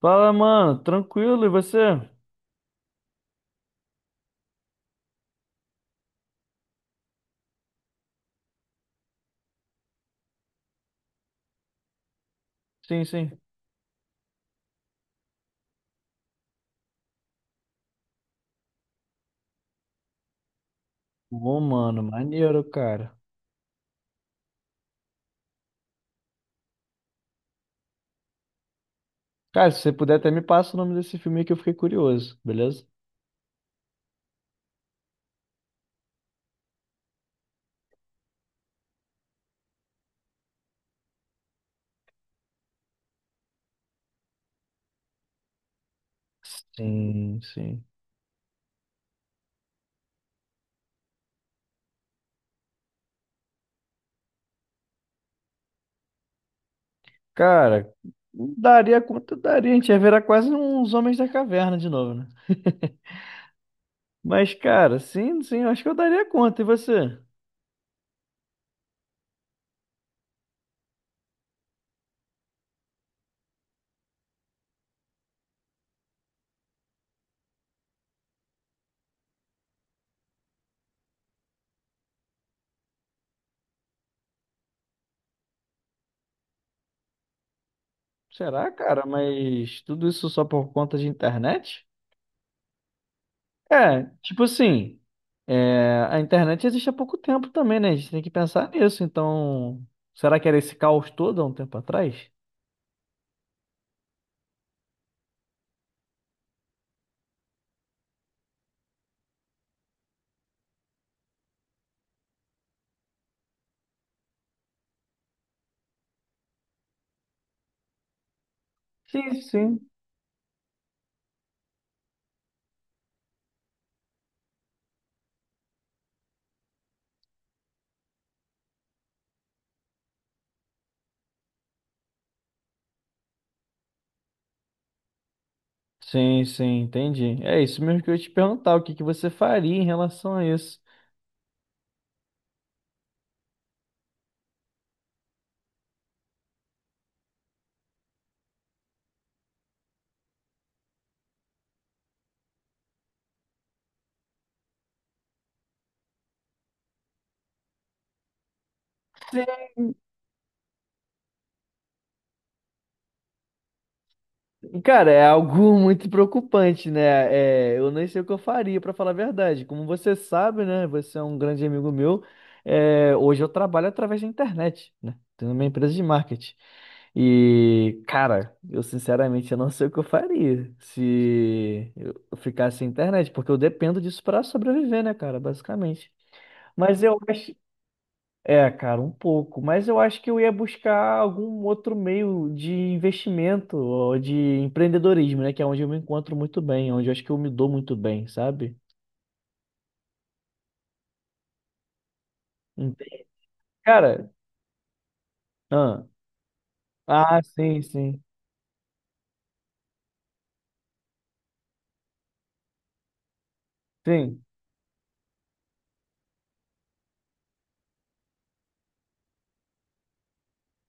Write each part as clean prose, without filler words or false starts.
Fala, mano. Tranquilo, e você? Sim, sim. Bom, mano, maneiro, cara. Cara, se você puder até me passa o nome desse filme aí que eu fiquei curioso, beleza? Sim, sim. Cara, daria quanto daria, a gente ia virar quase uns Homens da Caverna de novo, né? Mas, cara, sim, sim, eu acho que eu daria conta. E você? Será, cara? Mas tudo isso só por conta de internet? É, tipo assim, a internet existe há pouco tempo também, né? A gente tem que pensar nisso. Então, será que era esse caos todo há um tempo atrás? Sim, sim. Sim, sim, entendi. É isso mesmo que eu ia te perguntar, o que que você faria em relação a isso? Cara, é algo muito preocupante, né? É, eu nem sei o que eu faria, pra falar a verdade. Como você sabe, né? Você é um grande amigo meu. Hoje eu trabalho através da internet, né? Tenho uma empresa de marketing. E, cara, eu sinceramente eu não sei o que eu faria se eu ficasse sem internet, porque eu dependo disso pra sobreviver, né, cara? Basicamente. Mas eu acho, cara, um pouco, mas eu acho que eu ia buscar algum outro meio de investimento ou de empreendedorismo, né? Que é onde eu me encontro muito bem, onde eu acho que eu me dou muito bem, sabe? Ente- Cara, ah, sim, sim, sim.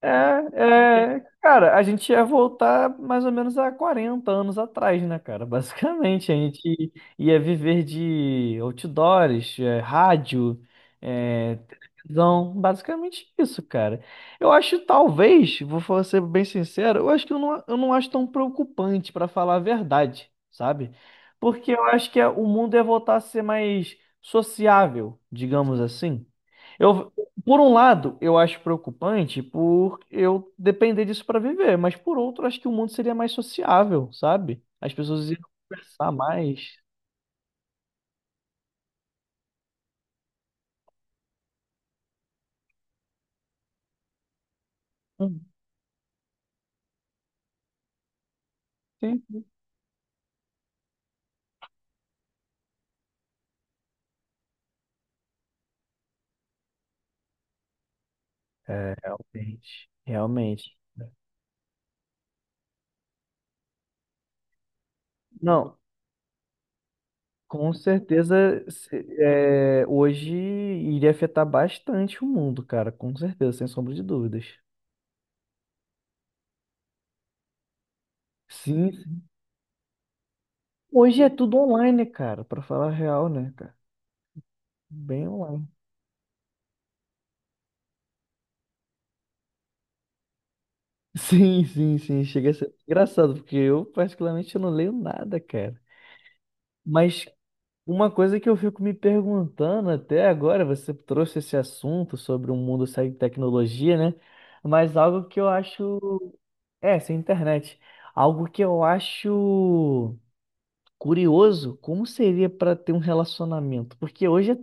É, é, cara, a gente ia voltar mais ou menos há 40 anos atrás, né, cara? Basicamente, a gente ia viver de outdoors, é, rádio, é, televisão, basicamente isso, cara. Eu acho, talvez, ser bem sincero, eu acho que eu não acho tão preocupante, pra falar a verdade, sabe? Porque eu acho que o mundo ia voltar a ser mais sociável, digamos assim. Eu, por um lado, eu acho preocupante por eu depender disso para viver, mas por outro, acho que o mundo seria mais sociável, sabe? As pessoas iam conversar mais. Hum, sim. É, realmente, realmente. Não, com certeza, hoje iria afetar bastante o mundo, cara, com certeza, sem sombra de dúvidas. Sim, hoje é tudo online, né, cara, para falar a real, né, cara? Bem online. Sim, sim, sim. Chega a ser engraçado, porque eu, particularmente, eu não leio nada, cara. Mas uma coisa que eu fico me perguntando até agora, você trouxe esse assunto sobre um mundo sem tecnologia, né? Mas algo que eu acho. É, sem internet. Algo que eu acho curioso, como seria para ter um relacionamento? Porque hoje é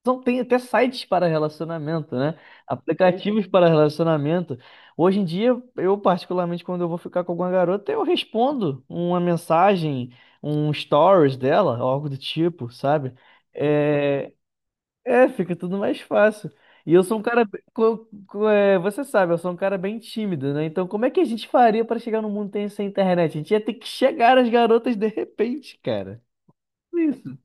então, tem até sites para relacionamento, né? Aplicativos para relacionamento. Hoje em dia, eu particularmente, quando eu vou ficar com alguma garota, eu respondo uma mensagem, um stories dela, ou algo do tipo, sabe? É, fica tudo mais fácil. E eu sou um cara, você sabe, eu sou um cara bem tímido, né? Então, como é que a gente faria para chegar no mundo sem internet? A gente ia ter que chegar às garotas de repente, cara. É isso.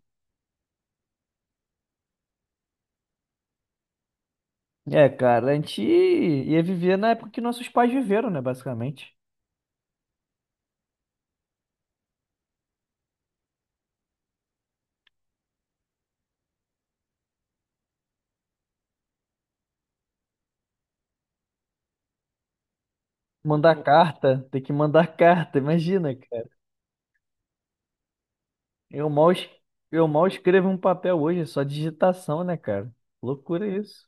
É, cara, a gente ia viver na época que nossos pais viveram, né, basicamente. Mandar carta, ter que mandar carta, imagina, cara. Eu mal, es- eu mal escrevo um papel hoje, é só digitação, né, cara? Loucura isso.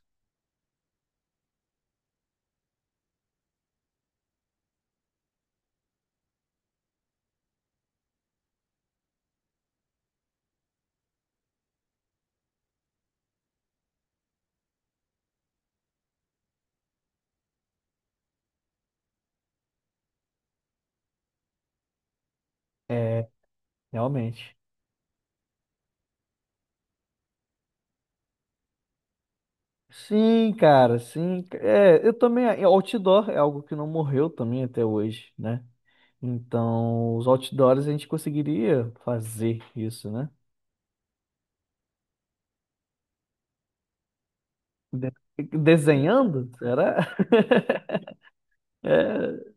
É, realmente. Sim, cara, sim. É, eu também. Outdoor é algo que não morreu também até hoje, né? Então, os outdoors a gente conseguiria fazer isso, né? De- Desenhando? Será? É,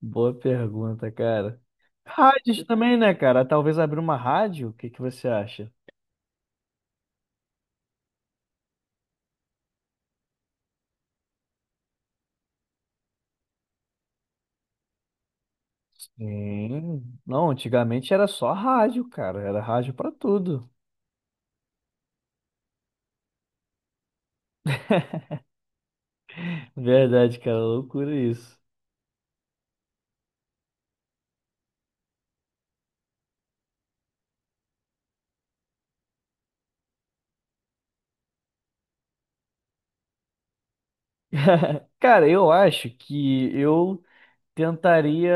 boa pergunta, cara. Rádios também, né, cara? Talvez abrir uma rádio, o que que você acha? Sim. Não, antigamente era só rádio, cara. Era rádio pra tudo. Verdade, cara, loucura isso. Cara, eu acho que eu tentaria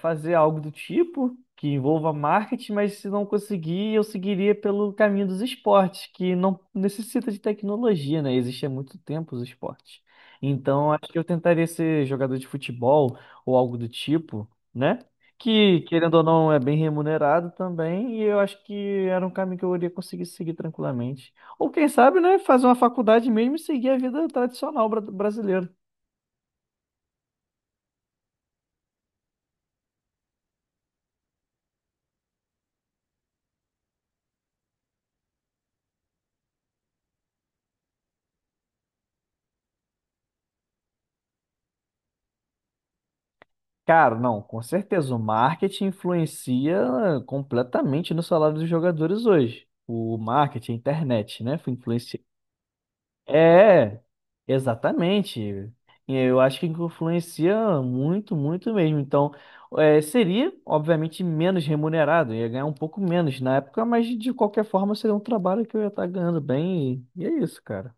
fazer algo do tipo que envolva marketing, mas se não conseguir, eu seguiria pelo caminho dos esportes, que não necessita de tecnologia, né? Existe há muito tempo os esportes. Então, acho que eu tentaria ser jogador de futebol ou algo do tipo, né? Que, querendo ou não, é bem remunerado também, e eu acho que era um caminho que eu iria conseguir seguir tranquilamente. Ou quem sabe, né, fazer uma faculdade mesmo e seguir a vida tradicional brasileira. Cara, não, com certeza. O marketing influencia completamente no salário dos jogadores hoje. O marketing, a internet, né? foi Influencia. É, exatamente. Eu acho que influencia muito, muito mesmo. Então, seria, obviamente, menos remunerado. Ia ganhar um pouco menos na época, mas de qualquer forma seria um trabalho que eu ia estar ganhando bem. E é isso, cara.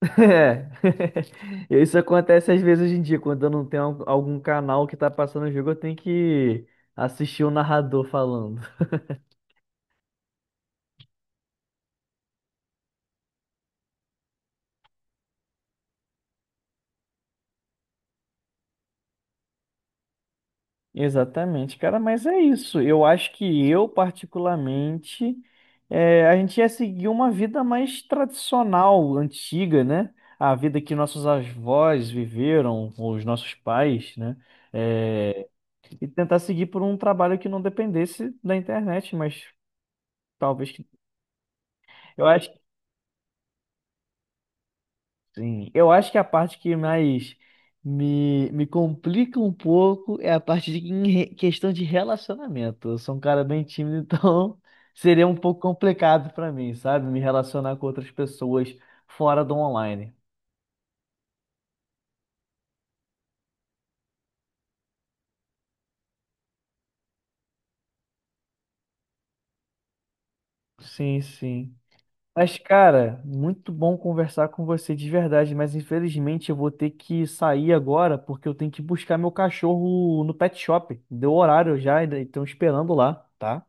É. Isso acontece às vezes hoje em dia, quando eu não tenho algum canal que tá passando o jogo, eu tenho que assistir o narrador falando. Exatamente, cara, mas é isso. Eu acho que eu, particularmente, a gente ia seguir uma vida mais tradicional, antiga, né? A vida que nossos avós viveram, ou os nossos pais, né? Eh, e tentar seguir por um trabalho que não dependesse da internet, mas talvez que. Eu acho. Sim, eu acho que a parte que mais me, me complica um pouco é a parte de questão de relacionamento. Eu sou um cara bem tímido, então seria um pouco complicado pra mim, sabe? Me relacionar com outras pessoas fora do online. Sim, sim. Mas, cara, muito bom conversar com você de verdade, mas infelizmente eu vou ter que sair agora porque eu tenho que buscar meu cachorro no pet shop. Deu horário já, ainda estão esperando lá, tá?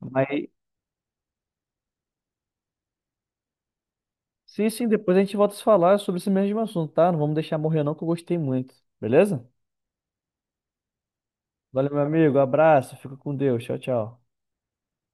Mas sim, sim, depois a gente volta a se falar sobre esse mesmo assunto, tá? Não vamos deixar morrer não, que eu gostei muito. Beleza? Valeu, meu amigo. Abraço. Fica com Deus. Tchau, tchau.